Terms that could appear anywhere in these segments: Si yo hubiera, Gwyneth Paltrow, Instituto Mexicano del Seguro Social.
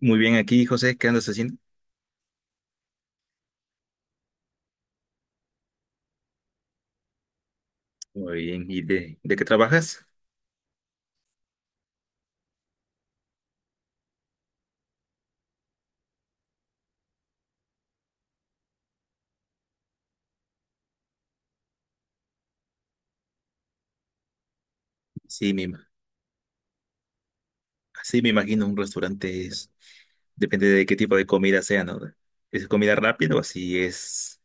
Muy bien, aquí José, ¿qué andas haciendo? Muy bien, ¿y de qué trabajas? Sí, me, ima- sí, me imagino un restaurante es, depende de qué tipo de comida sea, ¿no? ¿Es comida rápida o así es?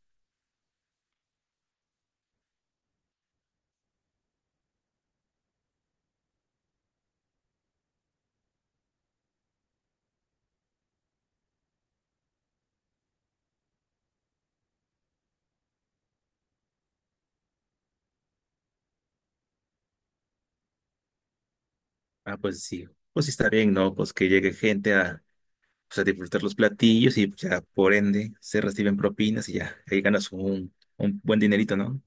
Ah, pues sí está bien, ¿no? Pues que llegue gente a, pues, a disfrutar los platillos y pues, ya por ende se reciben propinas y ya, ahí ganas un buen dinerito, ¿no?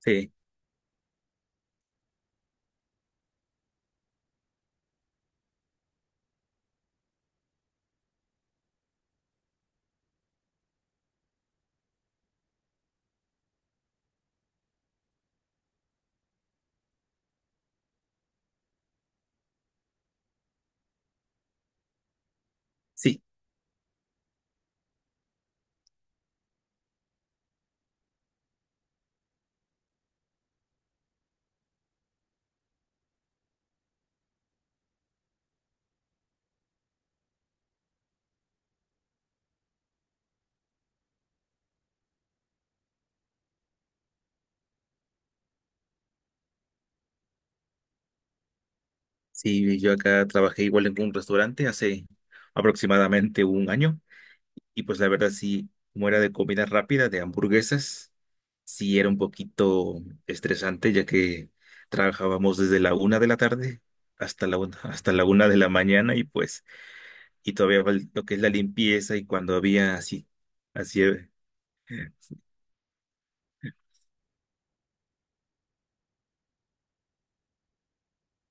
Sí, sí, sí, yo acá trabajé igual en un restaurante hace aproximadamente un año. Y pues la verdad sí, como era de comida rápida, de hamburguesas, sí era un poquito estresante, ya que trabajábamos desde la una de la tarde hasta la una de la mañana y pues, y todavía lo que es la limpieza y cuando había así, así,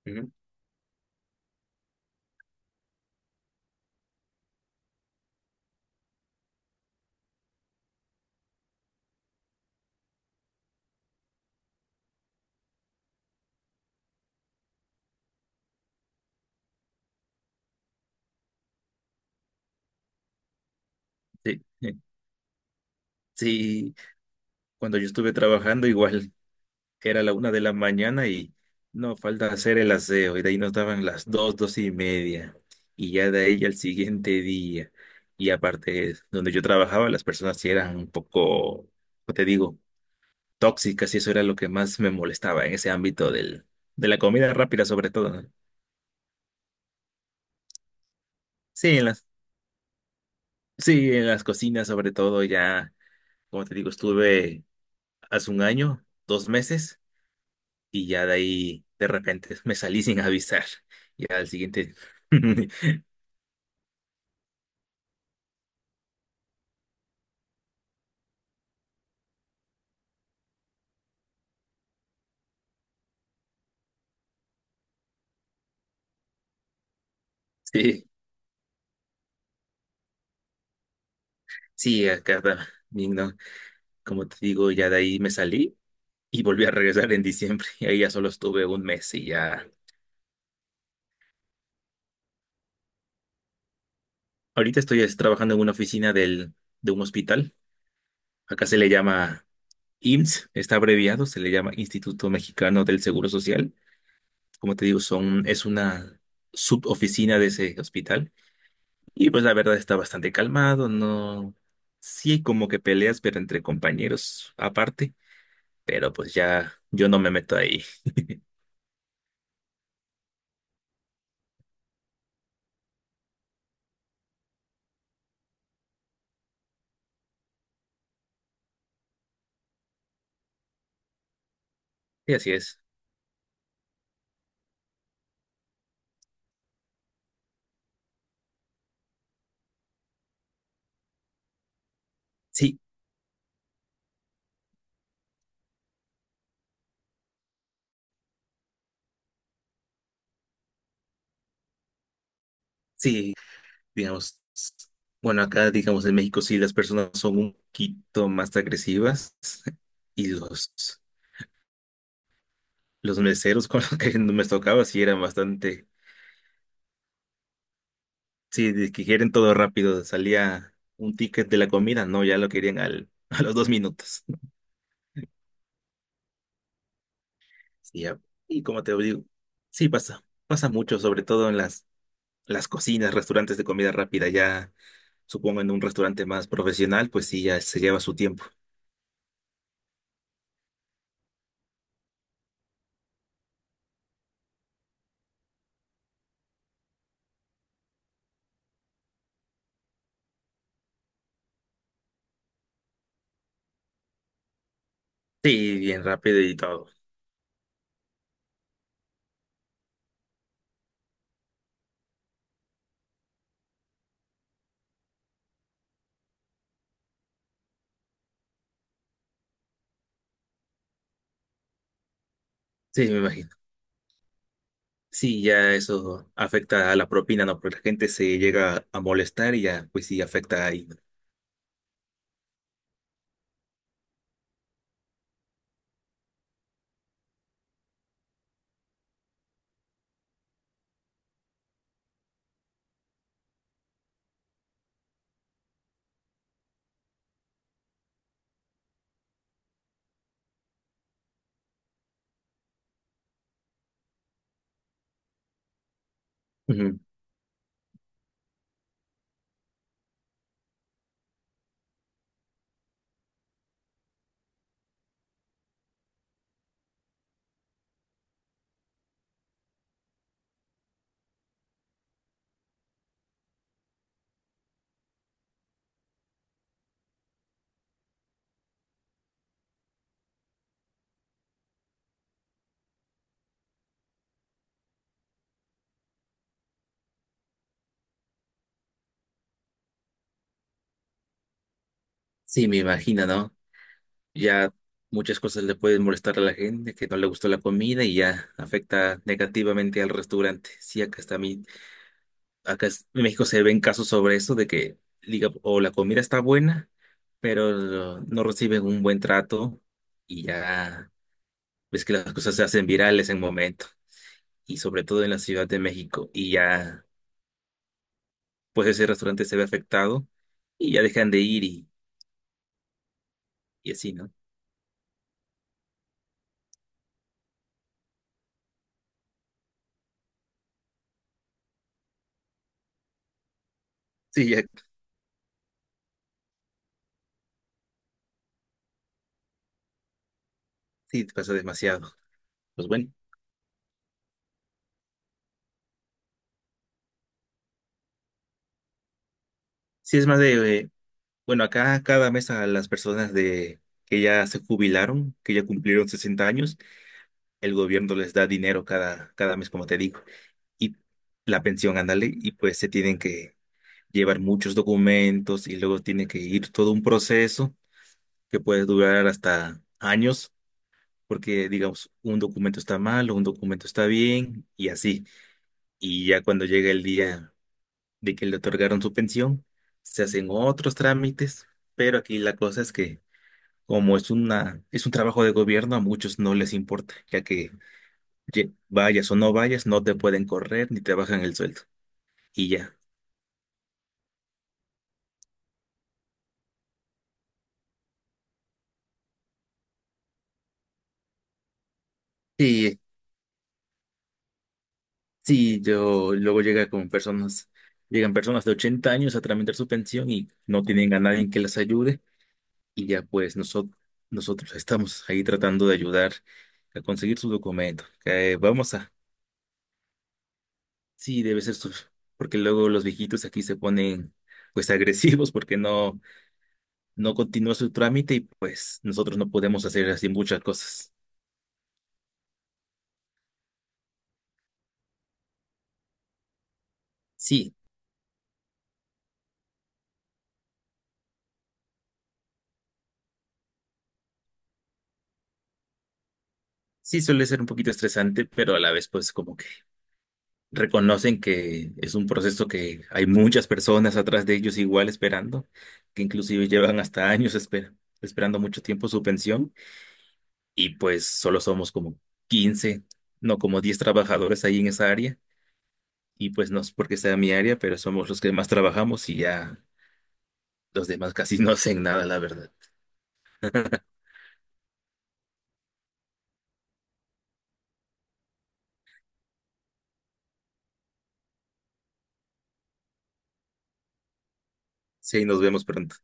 ujú, sí, sí, cuando yo estuve trabajando igual que era la una de la mañana y no falta hacer el aseo. Y de ahí nos daban las dos, dos y media. Y ya de ahí al siguiente día. Y aparte, donde yo trabajaba, las personas sí eran un poco, ¿cómo te digo? Tóxicas, y eso era lo que más me molestaba en ese ámbito del, de la comida rápida sobre todo, ¿no? Sí, en las, sí, en las cocinas sobre todo ya, como te digo, estuve hace un año, dos meses y ya de ahí de repente me salí sin avisar. Ya al siguiente Sí, sí, acá también, ¿no? Como te digo, ya de ahí me salí y volví a regresar en diciembre. Y ahí ya solo estuve un mes y ya. Ahorita estoy es, trabajando en una oficina del, de un hospital. Acá se le llama IMSS, está abreviado, se le llama Instituto Mexicano del Seguro Social. Como te digo, son, es una suboficina de ese hospital. Y pues la verdad está bastante calmado, no. Sí, hay como que peleas, pero entre compañeros aparte. Pero pues ya yo no me meto ahí. Y así es. Sí, sí, digamos, bueno, acá, digamos, en México sí las personas son un poquito más agresivas y los meseros con los que me tocaba sí eran bastante, sí, de que quieren todo rápido, salía un ticket de la comida, no, ya lo querían al, a los dos minutos. Sí, ya. Y como te digo, sí pasa, pasa mucho, sobre todo en las cocinas, restaurantes de comida rápida, ya supongo en un restaurante más profesional, pues sí, ya se lleva su tiempo. Sí, bien rápido y todo. Sí, me imagino. Sí, ya eso afecta a la propina, ¿no? Porque la gente se llega a molestar y ya, pues sí, afecta ahí, ¿no? Ujú. Sí, me imagino, ¿no? Ya muchas cosas le pueden molestar a la gente, que no le gustó la comida y ya afecta negativamente al restaurante. Sí, acá está mi, acá en México se ven casos sobre eso de que diga, o la comida está buena, pero no reciben un buen trato y ya ves que las cosas se hacen virales en momento y sobre todo en la Ciudad de México y ya pues ese restaurante se ve afectado y ya dejan de ir y así, ¿no? Sí, ya sí pasa demasiado. Pues bueno, sí es más de, bueno, acá cada mes a las personas de que ya se jubilaron, que ya cumplieron 60 años, el gobierno les da dinero cada mes, como te digo, y la pensión, ándale, y pues se tienen que llevar muchos documentos y luego tiene que ir todo un proceso que puede durar hasta años, porque digamos, un documento está mal o un documento está bien y así. Y ya cuando llega el día de que le otorgaron su pensión, se hacen otros trámites, pero aquí la cosa es que como es una, es un trabajo de gobierno, a muchos no les importa, ya que vayas o no vayas, no te pueden correr ni te bajan el sueldo. Y ya. Sí, sí, yo luego llega con personas, llegan personas de 80 años a tramitar su pensión y no tienen a nadie que les ayude. Y ya pues nosotros estamos ahí tratando de ayudar a conseguir su documento. Que vamos a sí, debe ser porque luego los viejitos aquí se ponen pues agresivos porque no, no continúa su trámite y pues nosotros no podemos hacer así muchas cosas. Sí, sí suele ser un poquito estresante, pero a la vez pues como que reconocen que es un proceso que hay muchas personas atrás de ellos igual esperando, que inclusive llevan hasta años esperando mucho tiempo su pensión y pues solo somos como 15, no como 10 trabajadores ahí en esa área. Y pues no es porque sea mi área, pero somos los que más trabajamos y ya los demás casi no hacen nada, la verdad. Sí, nos vemos pronto.